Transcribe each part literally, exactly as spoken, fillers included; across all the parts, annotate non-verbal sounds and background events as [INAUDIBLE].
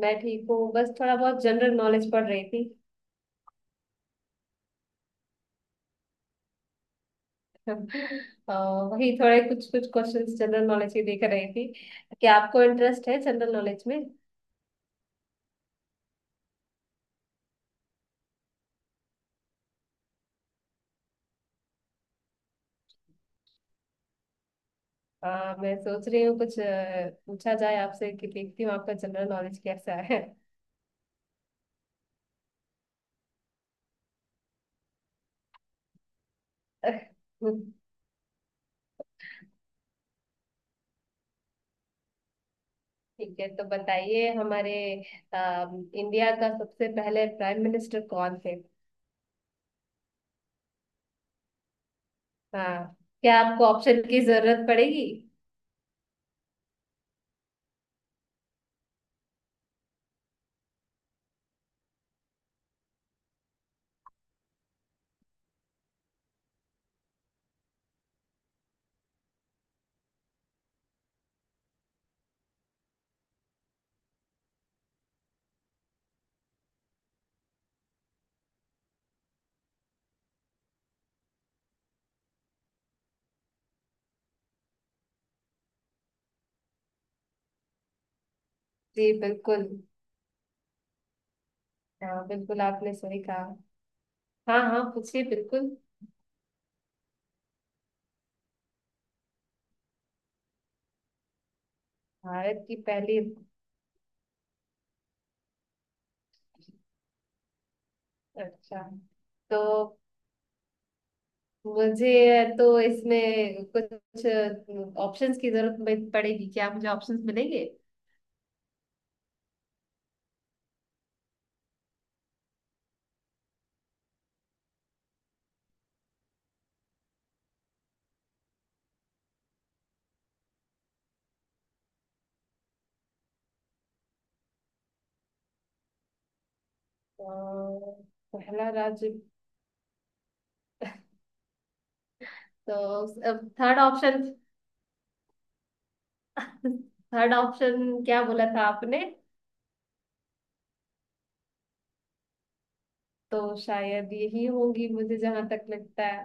मैं ठीक हूँ, बस थोड़ा बहुत जनरल नॉलेज पढ़ रही थी। [LAUGHS] अ, वही थोड़े कुछ कुछ क्वेश्चंस जनरल नॉलेज के देख रही थी कि आपको इंटरेस्ट है जनरल नॉलेज में। अ, मैं सोच रही हूँ कुछ अ, पूछा जाए आपसे कि देखती हूँ आपका जनरल नॉलेज कैसा है। [LAUGHS] ठीक है, तो बताइए हमारे अम, इंडिया का सबसे पहले प्राइम मिनिस्टर कौन थे। हाँ। क्या आपको ऑप्शन की जरूरत पड़ेगी। जी बिल्कुल। हाँ बिल्कुल, आपने सही कहा। हाँ हाँ, पूछिए बिल्कुल। भारत की पहली। अच्छा, तो मुझे तो इसमें कुछ ऑप्शंस की जरूरत मे- पड़ेगी। क्या मुझे ऑप्शंस मिलेंगे। अ, पहला राज्य। तो थर्ड ऑप्शन। थर्ड ऑप्शन [LAUGHS] क्या बोला था आपने। तो शायद यही होंगी मुझे जहां तक लगता है।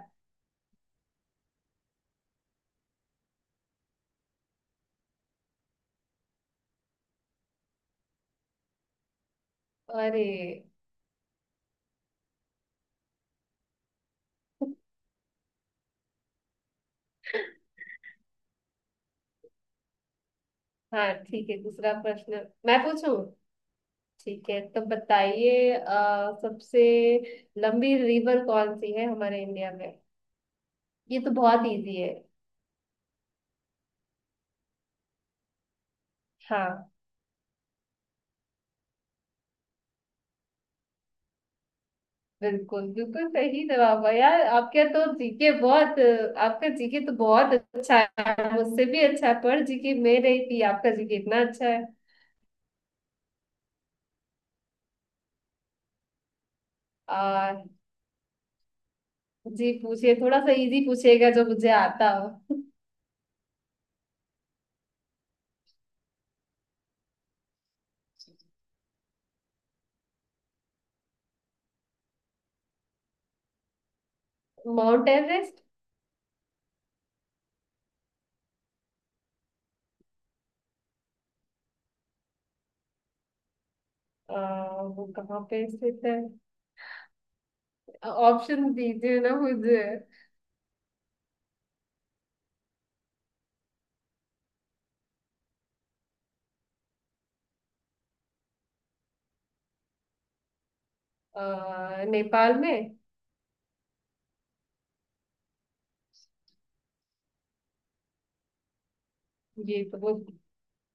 अरे। [LAUGHS] हाँ ठीक है, दूसरा प्रश्न मैं पूछूं। ठीक है, तो बताइए अ, सबसे लंबी रिवर कौन सी है हमारे इंडिया में। ये तो बहुत इजी है। हाँ बिल्कुल, बिल्कुल सही जवाब है यार, आपके तो जी के बहुत। आपका जी के तो बहुत अच्छा है, मुझसे भी अच्छा है, पर जी के में नहीं थी आपका जी के इतना अच्छा है। आ, जी पूछिए, थोड़ा सा इजी पूछिएगा जो मुझे आता हो। Mount Everest. अ, वो कहाँ पे स्थित है। ऑप्शन दीजिए ना मुझे। अ, नेपाल में। ये तो वो,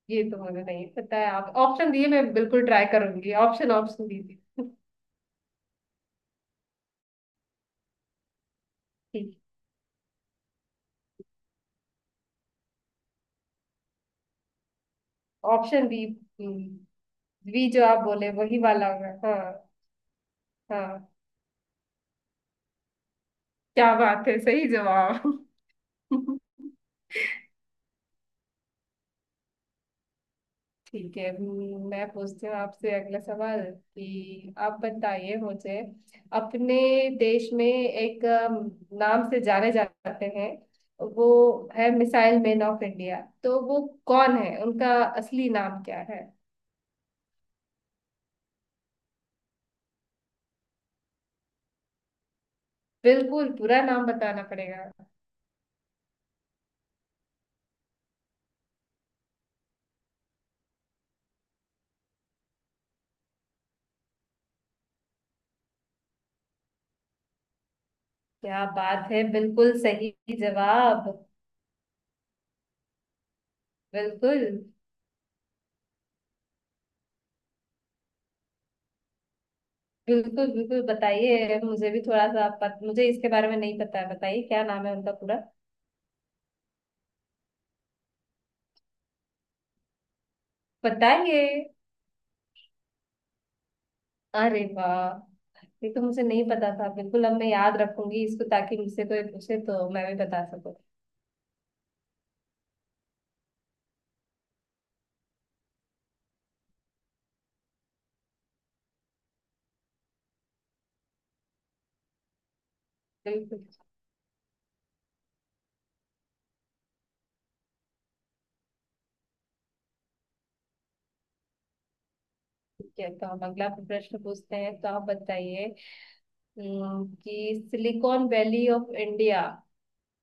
ये तो मुझे नहीं पता है। आप ऑप्शन दिए मैं बिल्कुल ट्राई करूंगी, ऑप्शन ऑप्शन दीजिए। ठीक। Option B. बी जो आप बोले वही वाला होगा। हाँ हाँ, क्या बात है सही जवाब। ठीक है। हम्म, मैं पूछती हूँ आपसे अगला सवाल कि आप बताइए मुझे, अपने देश में एक अम, नाम से जाने जाते हैं वो है मिसाइल मैन ऑफ इंडिया। तो वो कौन है, उनका असली नाम क्या है। बिल्कुल पूरा नाम बताना पड़ेगा। क्या बात है बिल्कुल सही जवाब। बिल्कुल। बिल्कुल बिल्कुल बताइए, मुझे भी थोड़ा सा पत, मुझे इसके बारे में नहीं पता है, बताइए क्या नाम है उनका पूरा। बताइए। अरे वाह, ये तो मुझे नहीं पता था बिल्कुल। अब मैं याद रखूंगी इसको ताकि मुझसे कोई पूछे तो मैं भी बता सकूं। बिल्कुल। ठीक है तो हम अगला प्रश्न पूछते हैं, तो आप बताइए। हम्म, कि सिलिकॉन वैली ऑफ इंडिया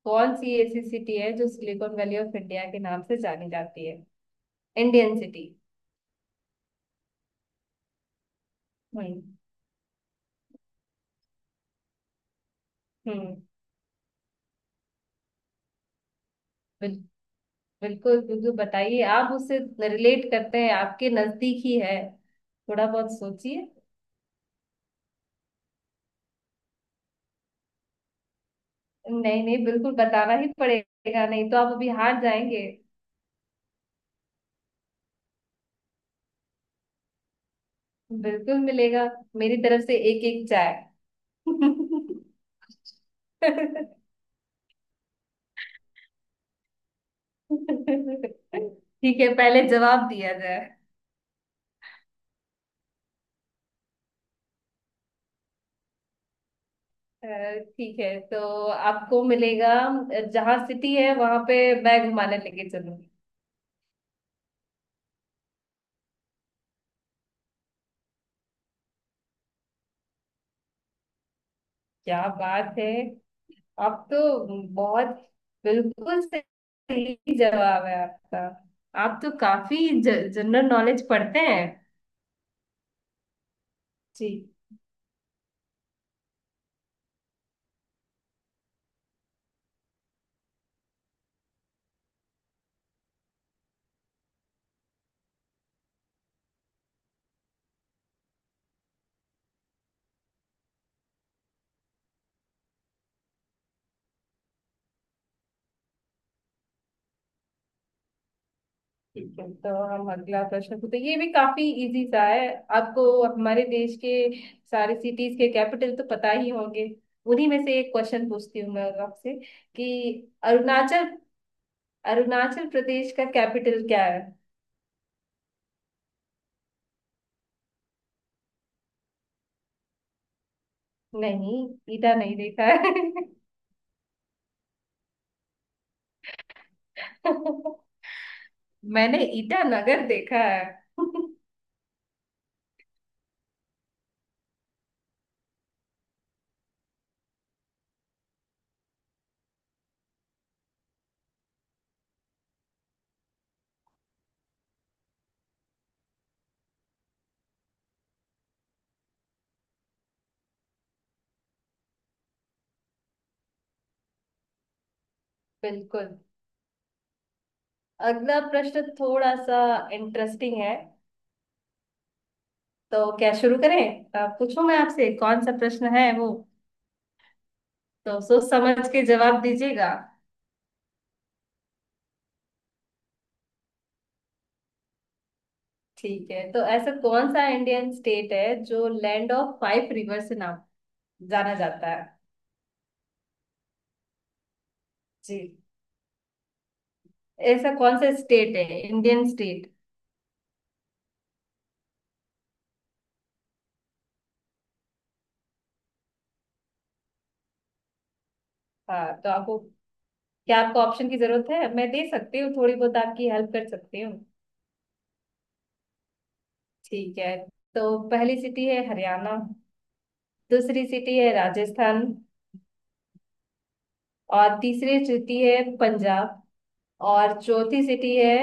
कौन सी ऐसी सिटी है जो सिलिकॉन वैली ऑफ इंडिया के नाम से जानी जाती है, इंडियन सिटी। हम्म। हम्म। बिल, बिल्कुल बिल्कुल बताइए, आप उससे रिलेट करते हैं, आपके नजदीक ही है, थोड़ा बहुत सोचिए। नहीं नहीं, बिल्कुल बताना ही पड़ेगा, नहीं तो आप अभी हार जाएंगे। बिल्कुल मिलेगा, मेरी तरफ से एक एक चाय। [LAUGHS] ठीक है, पहले जवाब दिया जाए। अ, ठीक है, तो आपको मिलेगा, अ, जहाँ सिटी है वहां पे मैं घुमाने लेके चलूंगी। क्या बात है, आप तो बहुत, बिल्कुल सही जवाब है आपका। आप तो काफी जनरल नॉलेज पढ़ते हैं। जी। ठीक है तो हम अगला प्रश्न पूछते हैं। ये भी काफी इजी सा है। आपको हमारे देश के सारे सिटीज के कैपिटल तो पता ही होंगे, उन्हीं में से एक क्वेश्चन पूछती हूँ मैं आपसे कि अरुणाचल, अरुणाचल प्रदेश का कैपिटल क्या है। नहीं, ईटा नहीं देखा है। [LAUGHS] मैंने ईटानगर देखा है। [LAUGHS] बिल्कुल। अगला प्रश्न थोड़ा सा इंटरेस्टिंग है। तो क्या शुरू करें, अ, पूछूं मैं आपसे कौन सा प्रश्न है वो। तो सोच समझ के जवाब दीजिएगा। ठीक है, तो ऐसा कौन सा इंडियन स्टेट है जो लैंड ऑफ फाइव रिवर से नाम जाना जाता है। जी। ऐसा कौन सा स्टेट है, इंडियन स्टेट। हाँ तो आपको, क्या आपको ऑप्शन की जरूरत है, मैं दे सकती हूँ, थोड़ी बहुत आपकी हेल्प कर सकती हूँ। ठीक है, तो पहली सिटी है हरियाणा। दूसरी सिटी है राजस्थान। और तीसरी सिटी है पंजाब। और चौथी सिटी है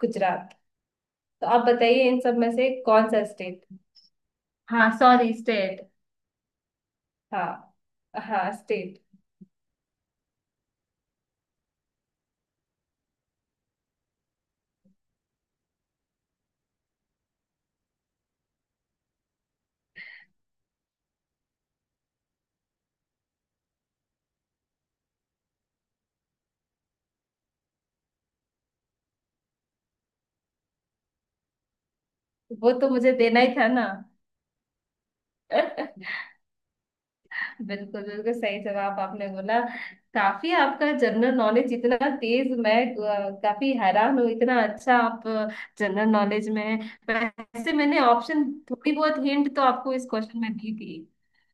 गुजरात। तो आप बताइए इन सब में से कौन सा स्टेट। हाँ सॉरी, स्टेट। हाँ, हाँ स्टेट। वो तो मुझे देना ही था ना। [LAUGHS] बिल्कुल बिल्कुल सही जवाब आपने बोला। काफी आपका जनरल नॉलेज इतना तेज, मैं अ, काफी हैरान हूँ, इतना अच्छा आप जनरल नॉलेज में हैं। वैसे मैंने ऑप्शन, थोड़ी बहुत हिंट तो आपको इस क्वेश्चन में दी थी,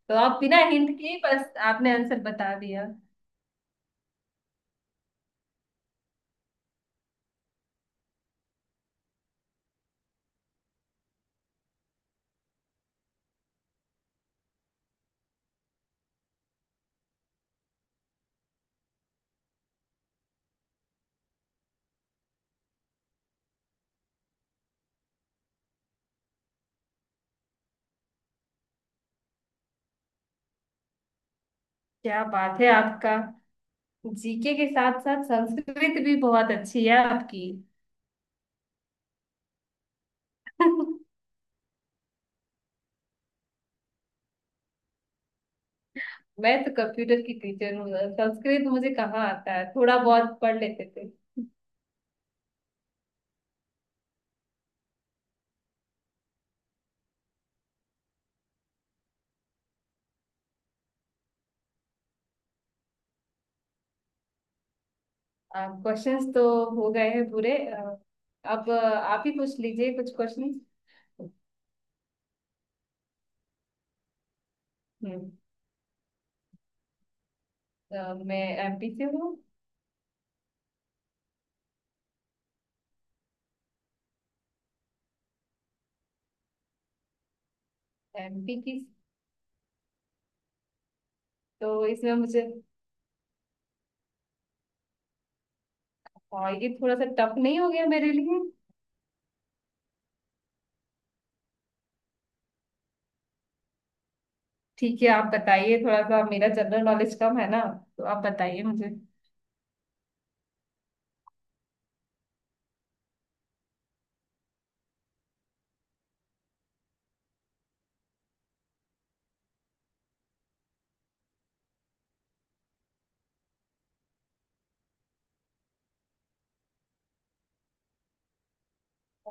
तो आप बिना हिंट के ही बस आपने आंसर बता दिया। क्या बात है, आपका जीके के साथ साथ संस्कृत भी बहुत अच्छी है आपकी। [LAUGHS] मैं तो कंप्यूटर की टीचर हूँ, संस्कृत मुझे कहाँ आता है, थोड़ा बहुत पढ़ लेते थे। क्वेश्चंस तो हो गए हैं पूरे, अ, अब अ, आप ही पूछ लीजिए कुछ क्वेश्चन। हम्म। अ, मैं एम पी से हूँ। एम पी की, तो इसमें मुझे, हाँ, ये थोड़ा सा टफ नहीं हो गया मेरे लिए। ठीक है आप बताइए, थोड़ा सा मेरा जनरल नॉलेज कम है ना, तो आप बताइए मुझे।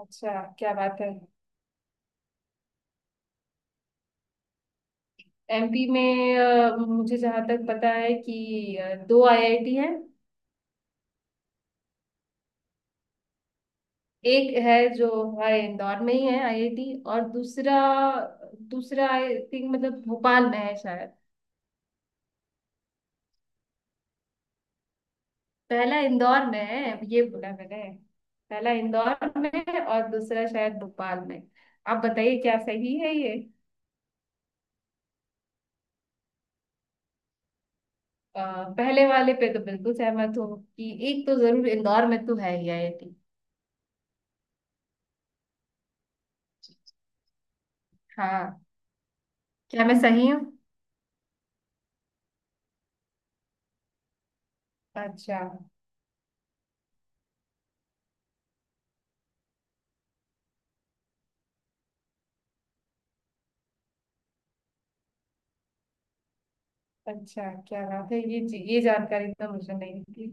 अच्छा क्या बात है। एम पी में अ, मुझे जहाँ तक पता है कि अ, दो आई आई टी है। एक है जो हमारे इंदौर में ही है आई आई टी, और दूसरा दूसरा आई थिंक मतलब भोपाल में है शायद। पहला इंदौर में है, ये बोला मैंने। पहला इंदौर में है और दूसरा शायद भोपाल में। आप बताइए क्या सही है ये। अ, पहले वाले पे तो बिल्कुल सहमत हूँ कि एक तो जरूर इंदौर में तो है ही आई आई टी। हाँ। क्या मैं सही हूँ। अच्छा। अच्छा क्या बात है ये ये जानकारी तो मुझे नहीं थी।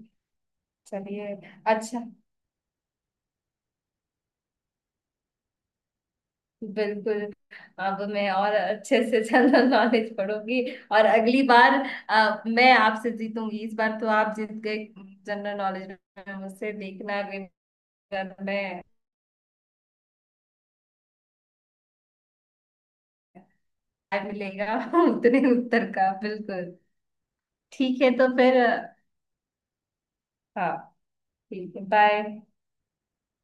चलिए। अच्छा। बिल्कुल। अब मैं और अच्छे से [LAUGHS] जनरल नॉलेज पढ़ूंगी, और अगली बार अ, मैं आपसे जीतूंगी, इस बार तो आप जीत गए जनरल नॉलेज में मुझसे, देखना अगली बार मैं, क्या मिलेगा। [LAUGHS] उतने उत्तर का बिल्कुल। ठीक है तो फिर अ, हाँ। ठीक है, बाय।